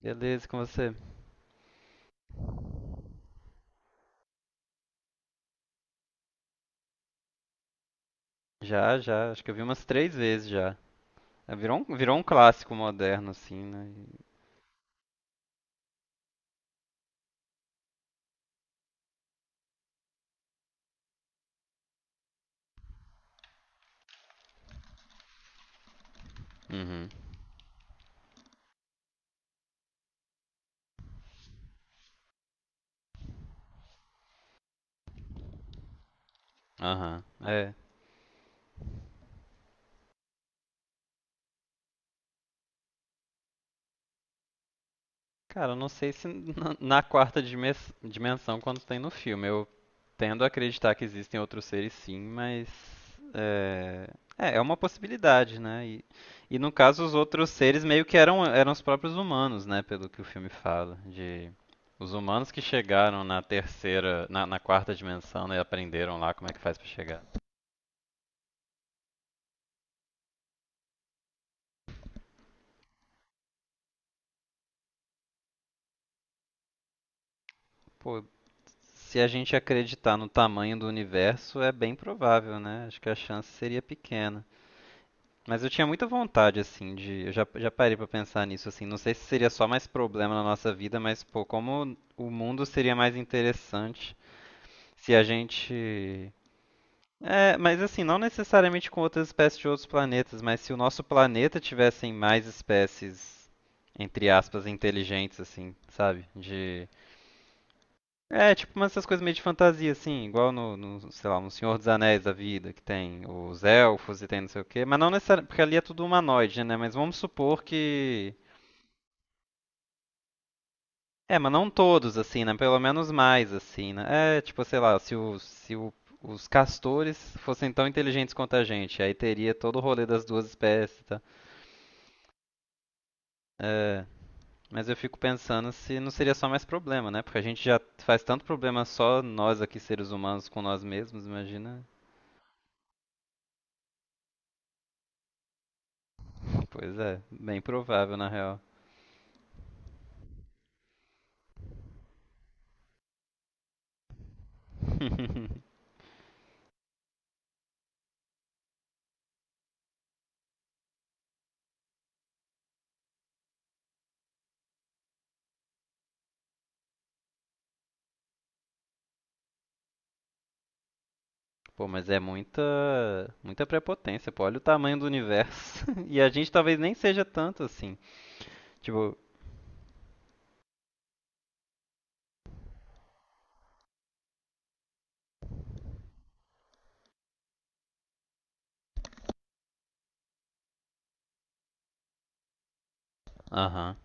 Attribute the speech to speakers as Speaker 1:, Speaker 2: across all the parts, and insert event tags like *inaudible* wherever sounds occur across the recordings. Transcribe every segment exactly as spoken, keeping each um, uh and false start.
Speaker 1: Beleza, e com você? Já, já. Acho que eu vi umas três vezes já. É, virou um, virou um clássico moderno, assim, né? E- Uhum. Aham. Cara, eu não sei se na, na quarta dimes- dimensão quando tem no filme. Eu tendo a acreditar que existem outros seres sim, mas é, é, é uma possibilidade, né? E, e no caso os outros seres meio que eram, eram os próprios humanos, né? Pelo que o filme fala, de os humanos que chegaram na terceira, na, na quarta dimensão, né? E aprenderam lá como é que faz pra chegar. Pô, se a gente acreditar no tamanho do universo, é bem provável, né? Acho que a chance seria pequena. Mas eu tinha muita vontade, assim, de. Eu já, já parei pra pensar nisso, assim. Não sei se seria só mais problema na nossa vida, mas, pô, como o mundo seria mais interessante se a gente. É, mas assim, não necessariamente com outras espécies de outros planetas, mas se o nosso planeta tivessem mais espécies, entre aspas, inteligentes, assim, sabe? De. É, tipo umas essas coisas meio de fantasia, assim, igual no, no, sei lá, no Senhor dos Anéis da vida, que tem os elfos e tem não sei o quê, mas não necessariamente, porque ali é tudo humanoide, né? Mas vamos supor que... É, mas não todos, assim, né? Pelo menos mais, assim, né? É, tipo, sei lá, se, o, se o, os castores fossem tão inteligentes quanto a gente, aí teria todo o rolê das duas espécies, tá? É, mas eu fico pensando se não seria só mais problema, né? Porque a gente já faz tanto problema só nós aqui, seres humanos, com nós mesmos, imagina. Pois é, bem provável na real. *laughs* Pô, mas é muita, muita prepotência, pô. Olha o tamanho do universo. *laughs* E a gente talvez nem seja tanto assim. Tipo, aham,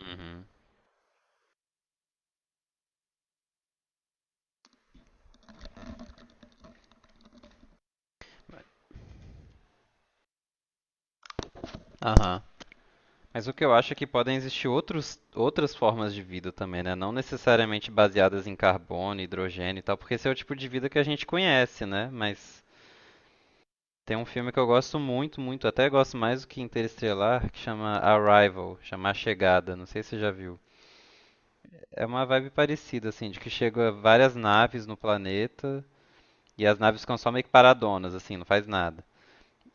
Speaker 1: uhum, aham. Mas o que eu acho é que podem existir outros, outras formas de vida também, né? Não necessariamente baseadas em carbono, hidrogênio e tal, porque esse é o tipo de vida que a gente conhece, né? Mas tem um filme que eu gosto muito, muito, até gosto mais do que Interestelar, que chama Arrival, chama A Chegada. Não sei se você já viu. É uma vibe parecida, assim, de que chega várias naves no planeta e as naves ficam só meio que paradonas, assim, não faz nada.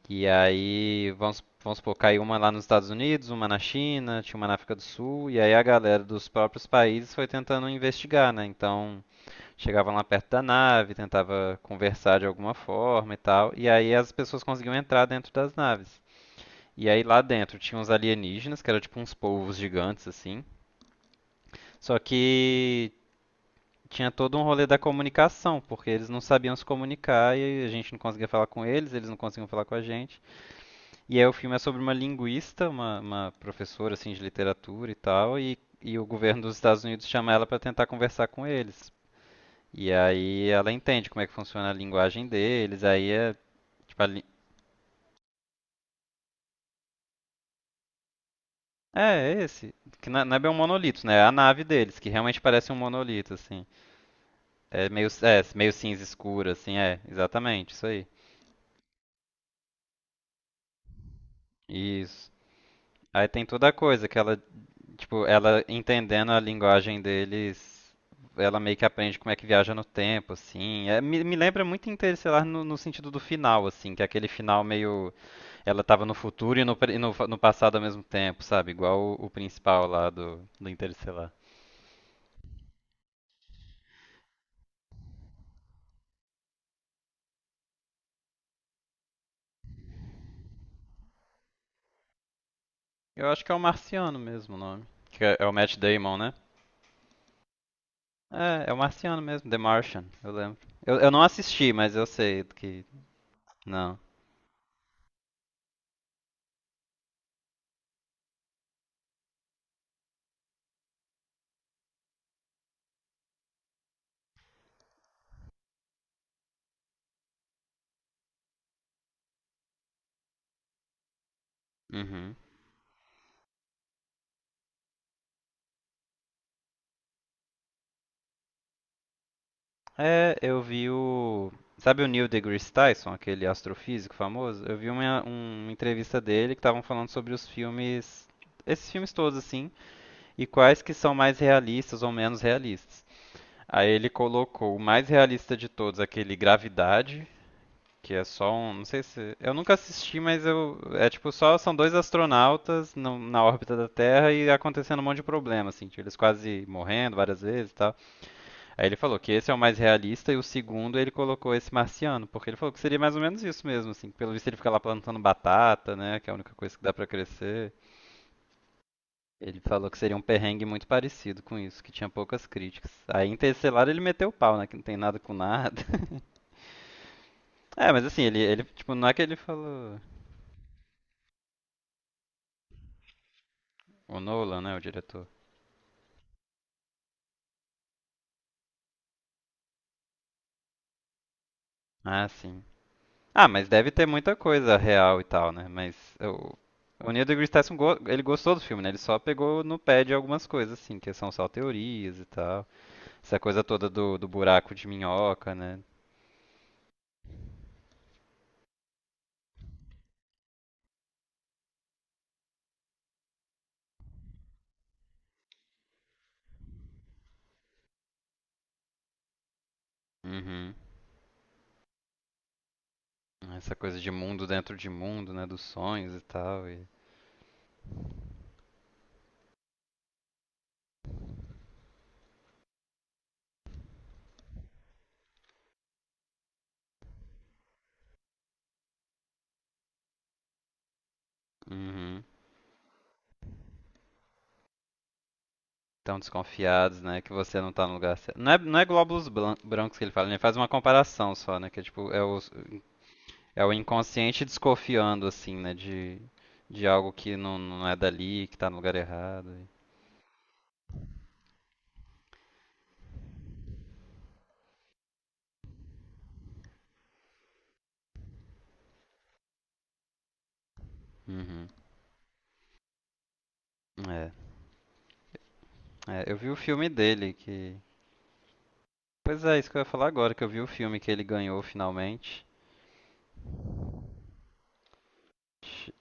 Speaker 1: E aí, vamos, vamos supor, caiu uma lá nos Estados Unidos, uma na China, tinha uma na África do Sul, e aí a galera dos próprios países foi tentando investigar, né? Então, chegavam lá perto da nave, tentava conversar de alguma forma e tal, e aí as pessoas conseguiam entrar dentro das naves. E aí lá dentro tinha uns alienígenas, que eram tipo uns polvos gigantes assim. Só que tinha todo um rolê da comunicação, porque eles não sabiam se comunicar e a gente não conseguia falar com eles, eles não conseguiam falar com a gente. E aí o filme é sobre uma linguista, uma, uma professora assim de literatura e tal, e, e o governo dos Estados Unidos chama ela para tentar conversar com eles. E aí ela entende como é que funciona a linguagem deles, aí é tipo a li- é, é esse. Que na- não é bem um monolito, né? É a nave deles, que realmente parece um monolito, assim. É meio, é, meio cinza escura, assim, é, exatamente, isso aí. Isso. Aí tem toda a coisa que ela, tipo, ela entendendo a linguagem deles, ela meio que aprende como é que viaja no tempo, assim. É, me, me lembra muito Interestelar no, no sentido do final, assim, que é aquele final meio. Ela tava no futuro e no, pre- e no, fa- no passado ao mesmo tempo, sabe? Igual o, o principal lá do, do Interestelar. Eu acho que é o Marciano mesmo o nome. Que é, é o Matt Damon, né? É, é o Marciano mesmo, The Martian, eu lembro. Eu, eu não assisti, mas eu sei que. Não. Uhum. É, eu vi o. Sabe o Neil deGrasse Tyson, aquele astrofísico famoso? Eu vi uma, um, uma entrevista dele que estavam falando sobre os filmes, esses filmes todos assim, e quais que são mais realistas ou menos realistas. Aí ele colocou o mais realista de todos, aquele Gravidade, que é só um, não sei se, eu nunca assisti, mas eu, é tipo só são dois astronautas no- na órbita da Terra e acontecendo um monte de problema assim, tipo, eles quase morrendo várias vezes, e tal. Aí ele falou que esse é o mais realista e o segundo ele colocou esse marciano, porque ele falou que seria mais ou menos isso mesmo, assim, que pelo visto ele fica lá plantando batata, né, que é a única coisa que dá pra crescer. Ele falou que seria um perrengue muito parecido com isso, que tinha poucas críticas. Aí em Interestelar ele meteu o pau, né, que não tem nada com nada. *laughs* É, mas assim, ele, ele tipo, não é que ele falou... O Nolan, né, o diretor. Ah, sim. Ah, mas deve ter muita coisa real e tal, né? Mas o, o Neil deGrasse Tyson, go- ele gostou do filme, né? Ele só pegou no pé de algumas coisas, assim, que são só teorias e tal. Essa coisa toda do, do buraco de minhoca, né? Uhum. Essa coisa de mundo dentro de mundo, né? Dos sonhos e tal. E... Uhum. Tão desconfiados, né? Que você não tá no lugar certo. Não é, não é glóbulos blan- brancos que ele fala, né? Ele faz uma comparação só, né? Que é tipo, é os, é o inconsciente desconfiando, assim, né? De, de algo que não, não é dali, que tá no lugar errado. Uhum. É. É, eu vi o. filme dele que. Pois é, isso que eu ia falar agora, que eu vi o filme que ele ganhou finalmente. Ch-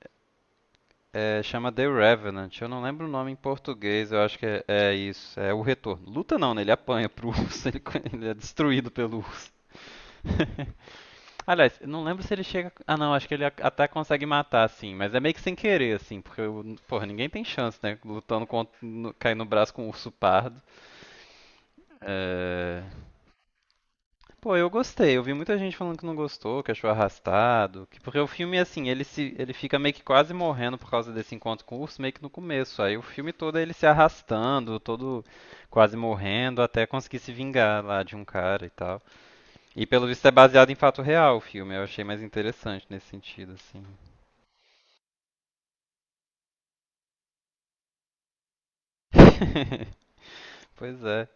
Speaker 1: é, chama The Revenant. Eu não lembro o nome em português, eu acho que é, é isso. É o retorno. Luta não, né? Ele apanha pro urso, *laughs* ele, ele é destruído pelo urso. *laughs* Aliás, eu não lembro se ele chega. Ah, não, acho que ele a- até consegue matar, assim, mas é meio que sem querer, assim, porque, o- porra, ninguém tem chance, né? Lutando contra. No... cair no braço com um urso pardo. É... Pô, eu gostei. Eu vi muita gente falando que não gostou, que achou arrastado. Que... Porque o filme, assim, ele se ele fica meio que quase morrendo por causa desse encontro com o urso, meio que no começo. Aí o filme todo é ele se arrastando, todo quase morrendo, até conseguir se vingar lá de um cara e tal. E pelo visto é baseado em fato real o filme. Eu achei mais interessante nesse sentido, assim. *laughs* Pois é.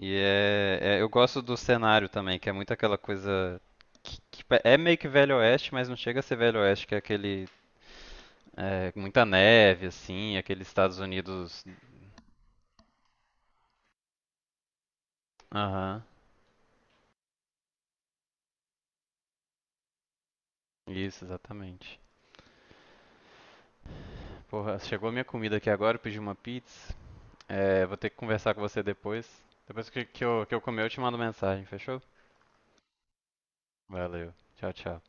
Speaker 1: E é, é- eu gosto do cenário também, que é muito aquela coisa que, que pa- é meio que Velho Oeste, mas não chega a ser Velho Oeste, que é aquele é, muita neve assim, aqueles Estados Unidos. Aham, isso, exatamente. Porra, chegou a minha comida aqui agora, eu pedi uma pizza. É, vou ter que conversar com você depois. Depois que, que eu, que eu comer, eu te mando mensagem, fechou? Valeu. Tchau, tchau.